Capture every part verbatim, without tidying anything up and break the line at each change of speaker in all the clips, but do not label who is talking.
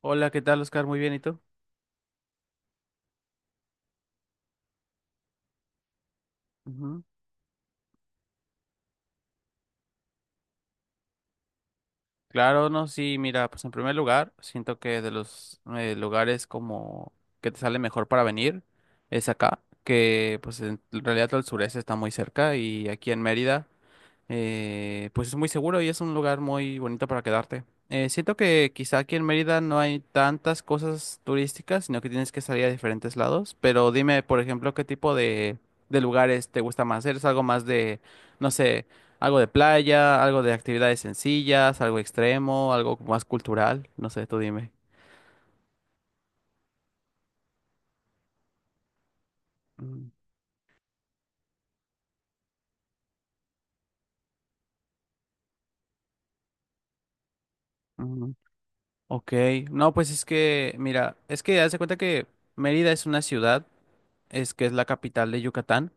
Hola, ¿qué tal, Oscar? Muy bien, ¿y tú? Ujú. Claro, no, sí, mira, pues en primer lugar, siento que de los eh, lugares como que te sale mejor para venir es acá, que pues en realidad todo el sureste está muy cerca y aquí en Mérida. eh, pues es muy seguro y es un lugar muy bonito para quedarte. Eh, siento que quizá aquí en Mérida no hay tantas cosas turísticas, sino que tienes que salir a diferentes lados. Pero dime, por ejemplo, qué tipo de, de lugares te gusta más. ¿Eres algo más de, no sé, algo de playa, algo de actividades sencillas, algo extremo, algo más cultural? No sé, tú dime. Mm, mm, Ok, no, pues es que, mira, es que haz de cuenta que Mérida es una ciudad, es que es la capital de Yucatán.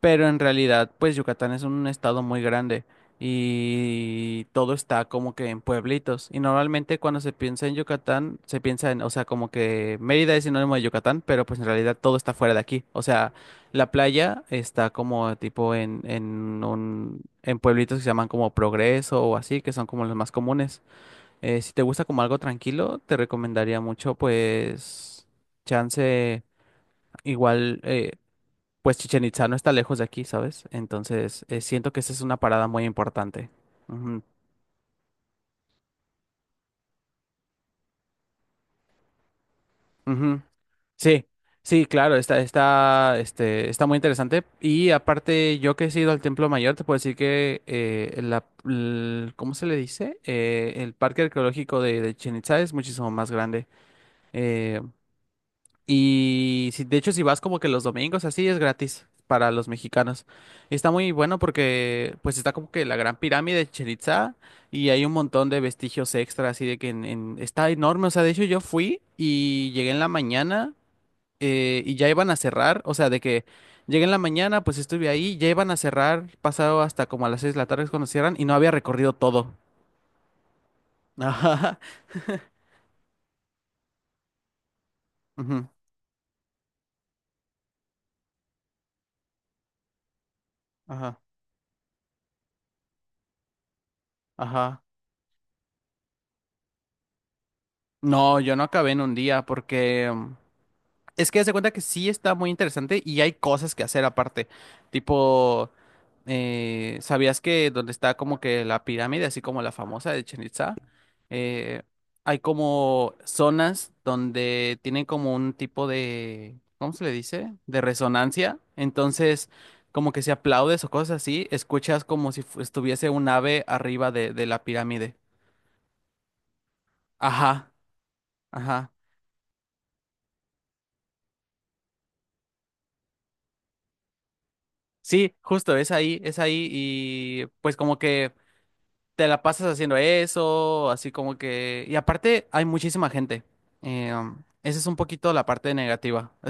Pero en realidad, pues Yucatán es un estado muy grande y todo está como que en pueblitos. Y normalmente cuando se piensa en Yucatán, se piensa en, o sea, como que Mérida es sinónimo de Yucatán, pero pues en realidad todo está fuera de aquí. O sea, la playa está como tipo en, en un, en pueblitos que se llaman como Progreso o así, que son como los más comunes. Eh, si te gusta como algo tranquilo, te recomendaría mucho, pues, chance igual. Eh, pues Chichen Itza no está lejos de aquí, ¿sabes? Entonces, eh, siento que esa es una parada muy importante. Ujú, ujú. Sí, sí, claro, está, está, este, está muy interesante. Y aparte, yo que he ido al Templo Mayor, te puedo decir que eh, la, l- ¿cómo se le dice? Eh, el parque arqueológico de, de Chichén Itzá es muchísimo más grande. Eh, Y si, de hecho, si vas como que los domingos, así es gratis para los mexicanos. Y está muy bueno porque pues está como que la gran pirámide de Chichén Itzá y hay un montón de vestigios extra, así de que en, en- está enorme. O sea, de hecho yo fui y llegué en la mañana eh, y ya iban a cerrar. O sea, de que llegué en la mañana, pues estuve ahí, ya iban a cerrar, pasado hasta como a las seis de la tarde es cuando cierran y no había recorrido todo. Ajá, ujú, ajá, ajá. No, yo no acabé en un día porque... mm, Es que hace cuenta que sí está muy interesante y hay cosas que hacer aparte. Tipo, eh, ¿sabías que donde está como que la pirámide, así como la famosa de Chichén Itzá, eh, hay como zonas donde tienen como un tipo de, ¿cómo se le dice? De resonancia. Entonces, como que si aplaudes o cosas así, escuchas como si fu- estuviese un ave arriba de, de la pirámide. Ajá, ajá. Sí, justo, es ahí, es ahí y pues como que... te la pasas haciendo eso, así como que... Y aparte hay muchísima gente. Eh, um, esa es un poquito la parte negativa.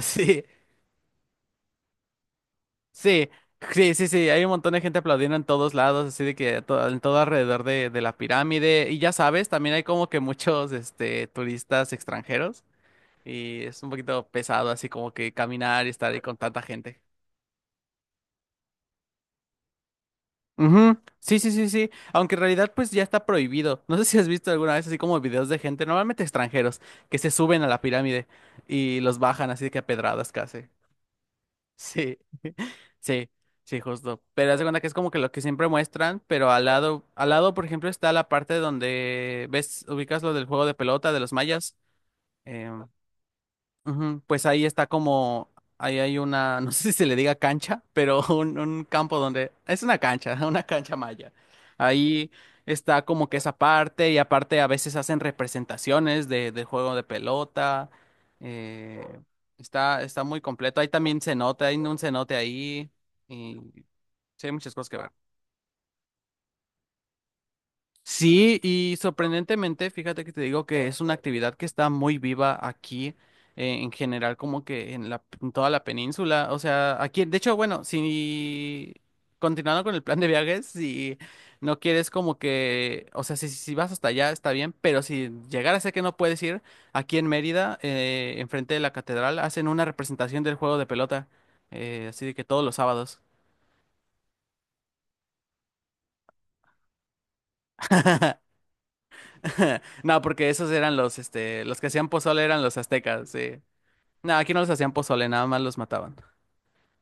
Sí, sí, sí, sí, sí. Hay un montón de gente aplaudiendo en todos lados, así de que to- en todo alrededor de, de la pirámide. Y ya sabes, también hay como que muchos este, turistas extranjeros. Y es un poquito pesado así como que caminar y estar ahí con tanta gente. Ujú, sí, sí, sí, sí. Aunque en realidad pues ya está prohibido. No sé si has visto alguna vez así como videos de gente, normalmente extranjeros, que se suben a la pirámide y los bajan así de que a pedradas casi. Sí, sí, sí, justo. Pero haz de cuenta que es como que lo que siempre muestran, pero al lado, al lado, por ejemplo, está la parte donde ves, ubicas lo del juego de pelota de los mayas. Em, Ujú. Pues ahí está como, ahí hay una, no sé si se le diga cancha, pero un, un campo donde, es una cancha, una cancha maya. Ahí está como que esa parte y aparte a veces hacen representaciones de, del juego de pelota. eh, está, está muy completo. Ahí también cenote, hay un cenote ahí y sí, hay muchas cosas que ver. Sí, y sorprendentemente, fíjate que te digo que es una actividad que está muy viva aquí, eh, en general, como que en la, en toda la península. O sea, aquí, de hecho, bueno, si continuando con el plan de viajes, si no quieres como que, o sea, si, si vas hasta allá está bien, pero si llegara a ser que no puedes ir, aquí en Mérida, eh, enfrente de la catedral, hacen una representación del juego de pelota, eh, así de que todos los sábados. No, porque esos eran los, este, los que hacían pozole eran los aztecas, sí. No, aquí no los hacían pozole, nada más los mataban.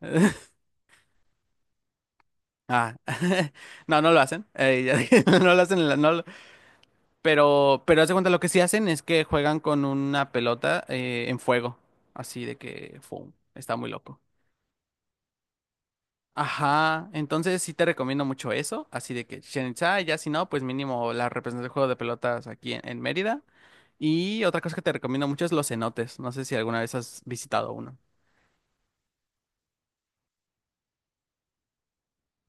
Ah, no, no lo hacen. Eh, ya dije, no lo hacen, en la- no lo- pero, pero haz de cuenta, lo que sí hacen es que juegan con una pelota eh, en fuego. Así de que, fum, está muy loco. Ajá, entonces sí te recomiendo mucho eso. Así de que Chichén Itzá, ya si no, pues mínimo la representación del juego de pelotas aquí en, en Mérida. Y otra cosa que te recomiendo mucho es los cenotes. No sé si alguna vez has visitado uno.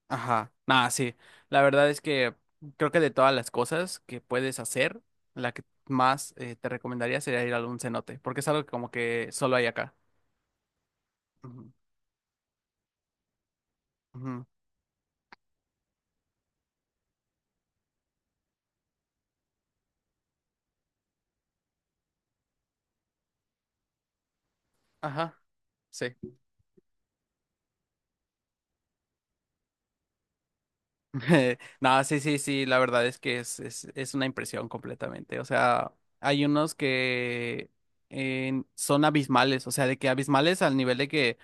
Ajá, nada, sí. La verdad es que creo que de todas las cosas que puedes hacer, la que más eh, te recomendaría sería ir a un cenote, porque es algo que como que solo hay acá. Ujú, ujú. Ajá, sí. Nada, sí, sí, sí, la verdad es que es, es, es una impresión completamente. O sea, hay unos que eh, son abismales, o sea, de que abismales al nivel de que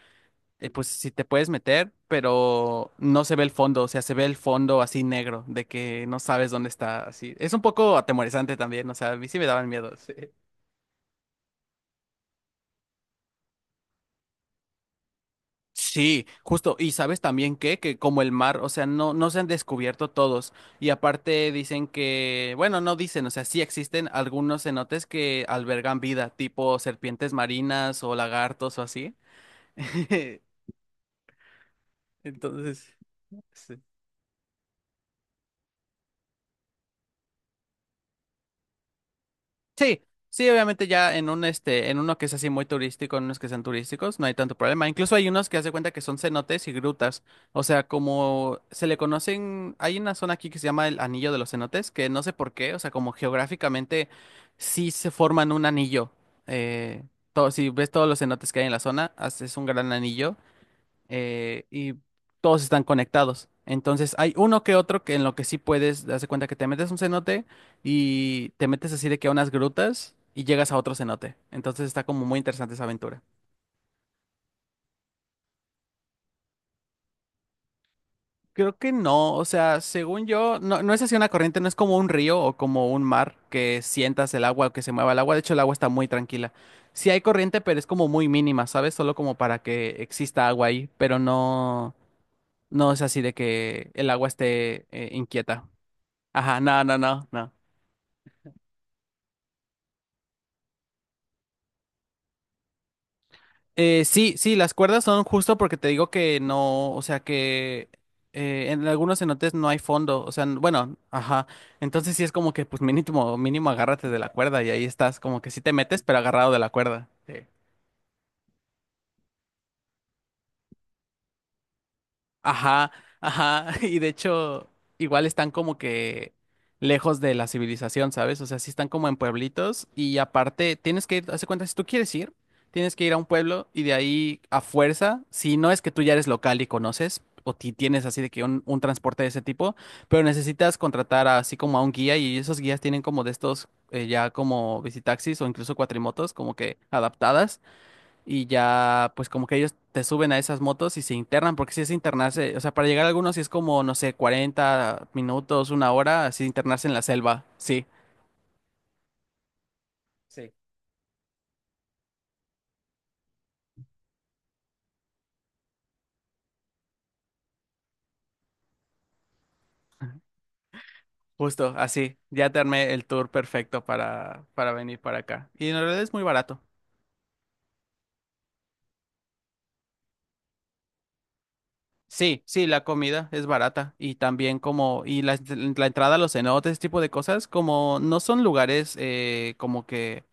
eh, pues si te puedes meter, pero no se ve el fondo, o sea, se ve el fondo así negro, de que no sabes dónde está, así. Es un poco atemorizante también, o sea, a mí sí me daban miedo. Sí, sí, justo, y sabes también que, que como el mar, o sea, no, no se han descubierto todos, y aparte dicen que, bueno, no dicen, o sea, sí existen algunos cenotes que albergan vida, tipo serpientes marinas o lagartos o así. Entonces, sí. Sí, sí, obviamente ya en un este, en uno que es así muy turístico, en unos que sean turísticos, no hay tanto problema. Incluso hay unos que hace cuenta que son cenotes y grutas. O sea, como se le conocen, hay una zona aquí que se llama el Anillo de los Cenotes, que no sé por qué, o sea, como geográficamente sí se forman un anillo. Eh, Todo, si ves todos los cenotes que hay en la zona, hace- es un gran anillo eh, y todos están conectados. Entonces hay uno que otro que en lo que sí puedes, darse cuenta que te metes a un cenote y te metes así de que a unas grutas y llegas a otro cenote. Entonces está como muy interesante esa aventura. Creo que no, o sea, según yo, no, no es así una corriente, no es como un río o como un mar que sientas el agua o que se mueva el agua. De hecho, el agua está muy tranquila. Sí hay corriente, pero es como muy mínima, ¿sabes? Solo como para que exista agua ahí, pero no, no es así de que el agua esté eh, inquieta. Ajá, no, no, no, no. Eh, sí, sí, las cuerdas son justo porque te digo que no, o sea que eh, en algunos cenotes no hay fondo, o sea, n- bueno, ajá. Entonces sí es como que pues mínimo, mínimo agárrate de la cuerda y ahí estás, como que sí te metes, pero agarrado de la cuerda. Sí. Ajá, ajá, y de hecho, igual están como que lejos de la civilización, ¿sabes? O sea, sí están como en pueblitos y aparte tienes que ir, hace cuenta, si tú quieres ir, tienes que ir a un pueblo y de ahí a fuerza, si no es que tú ya eres local y conoces o ti tienes así de que un, un transporte de ese tipo, pero necesitas contratar así como a un guía y esos guías tienen como de estos eh, ya como visitaxis o incluso cuatrimotos como que adaptadas y ya pues como que ellos te suben a esas motos y se internan, porque si es internarse, o sea, para llegar a algunos sí es como, no sé, cuarenta minutos, una hora, así internarse en la selva, sí, sí. Justo, así, ya te armé el tour perfecto para, para, venir para acá. Y en realidad es muy barato. Sí, sí, la comida es barata y también como, y la, la entrada a los cenotes, ese tipo de cosas, como no son lugares eh, como que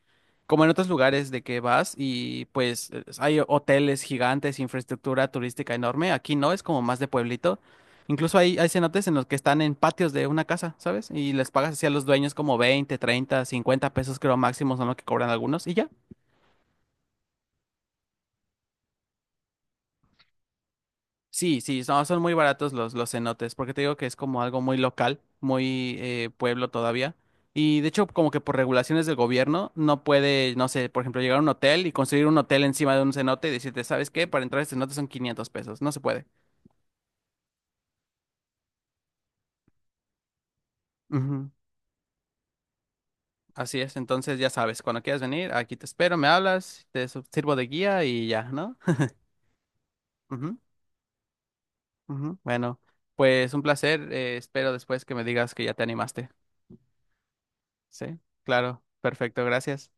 como en otros lugares de que vas y pues eh, hay hoteles gigantes, infraestructura turística enorme. Aquí no, es como más de pueblito. Incluso hay, hay cenotes en los que están en patios de una casa, ¿sabes? Y les pagas así a los dueños como veinte, treinta, cincuenta pesos creo máximo son lo que cobran algunos y ya. Sí, sí, son, son muy baratos los, los cenotes, porque te digo que es como algo muy local, muy eh, pueblo todavía. Y de hecho, como que por regulaciones del gobierno, no puede, no sé, por ejemplo, llegar a un hotel y construir un hotel encima de un cenote y decirte, ¿sabes qué? Para entrar a este cenote son quinientos pesos, no se puede. Ujú, así es, entonces ya sabes, cuando quieras venir, aquí te espero, me hablas, te su- sirvo de guía y ya, ¿no? Ujú, ujú, bueno, pues un placer, eh, espero después que me digas que ya te animaste. Sí, claro, perfecto, gracias.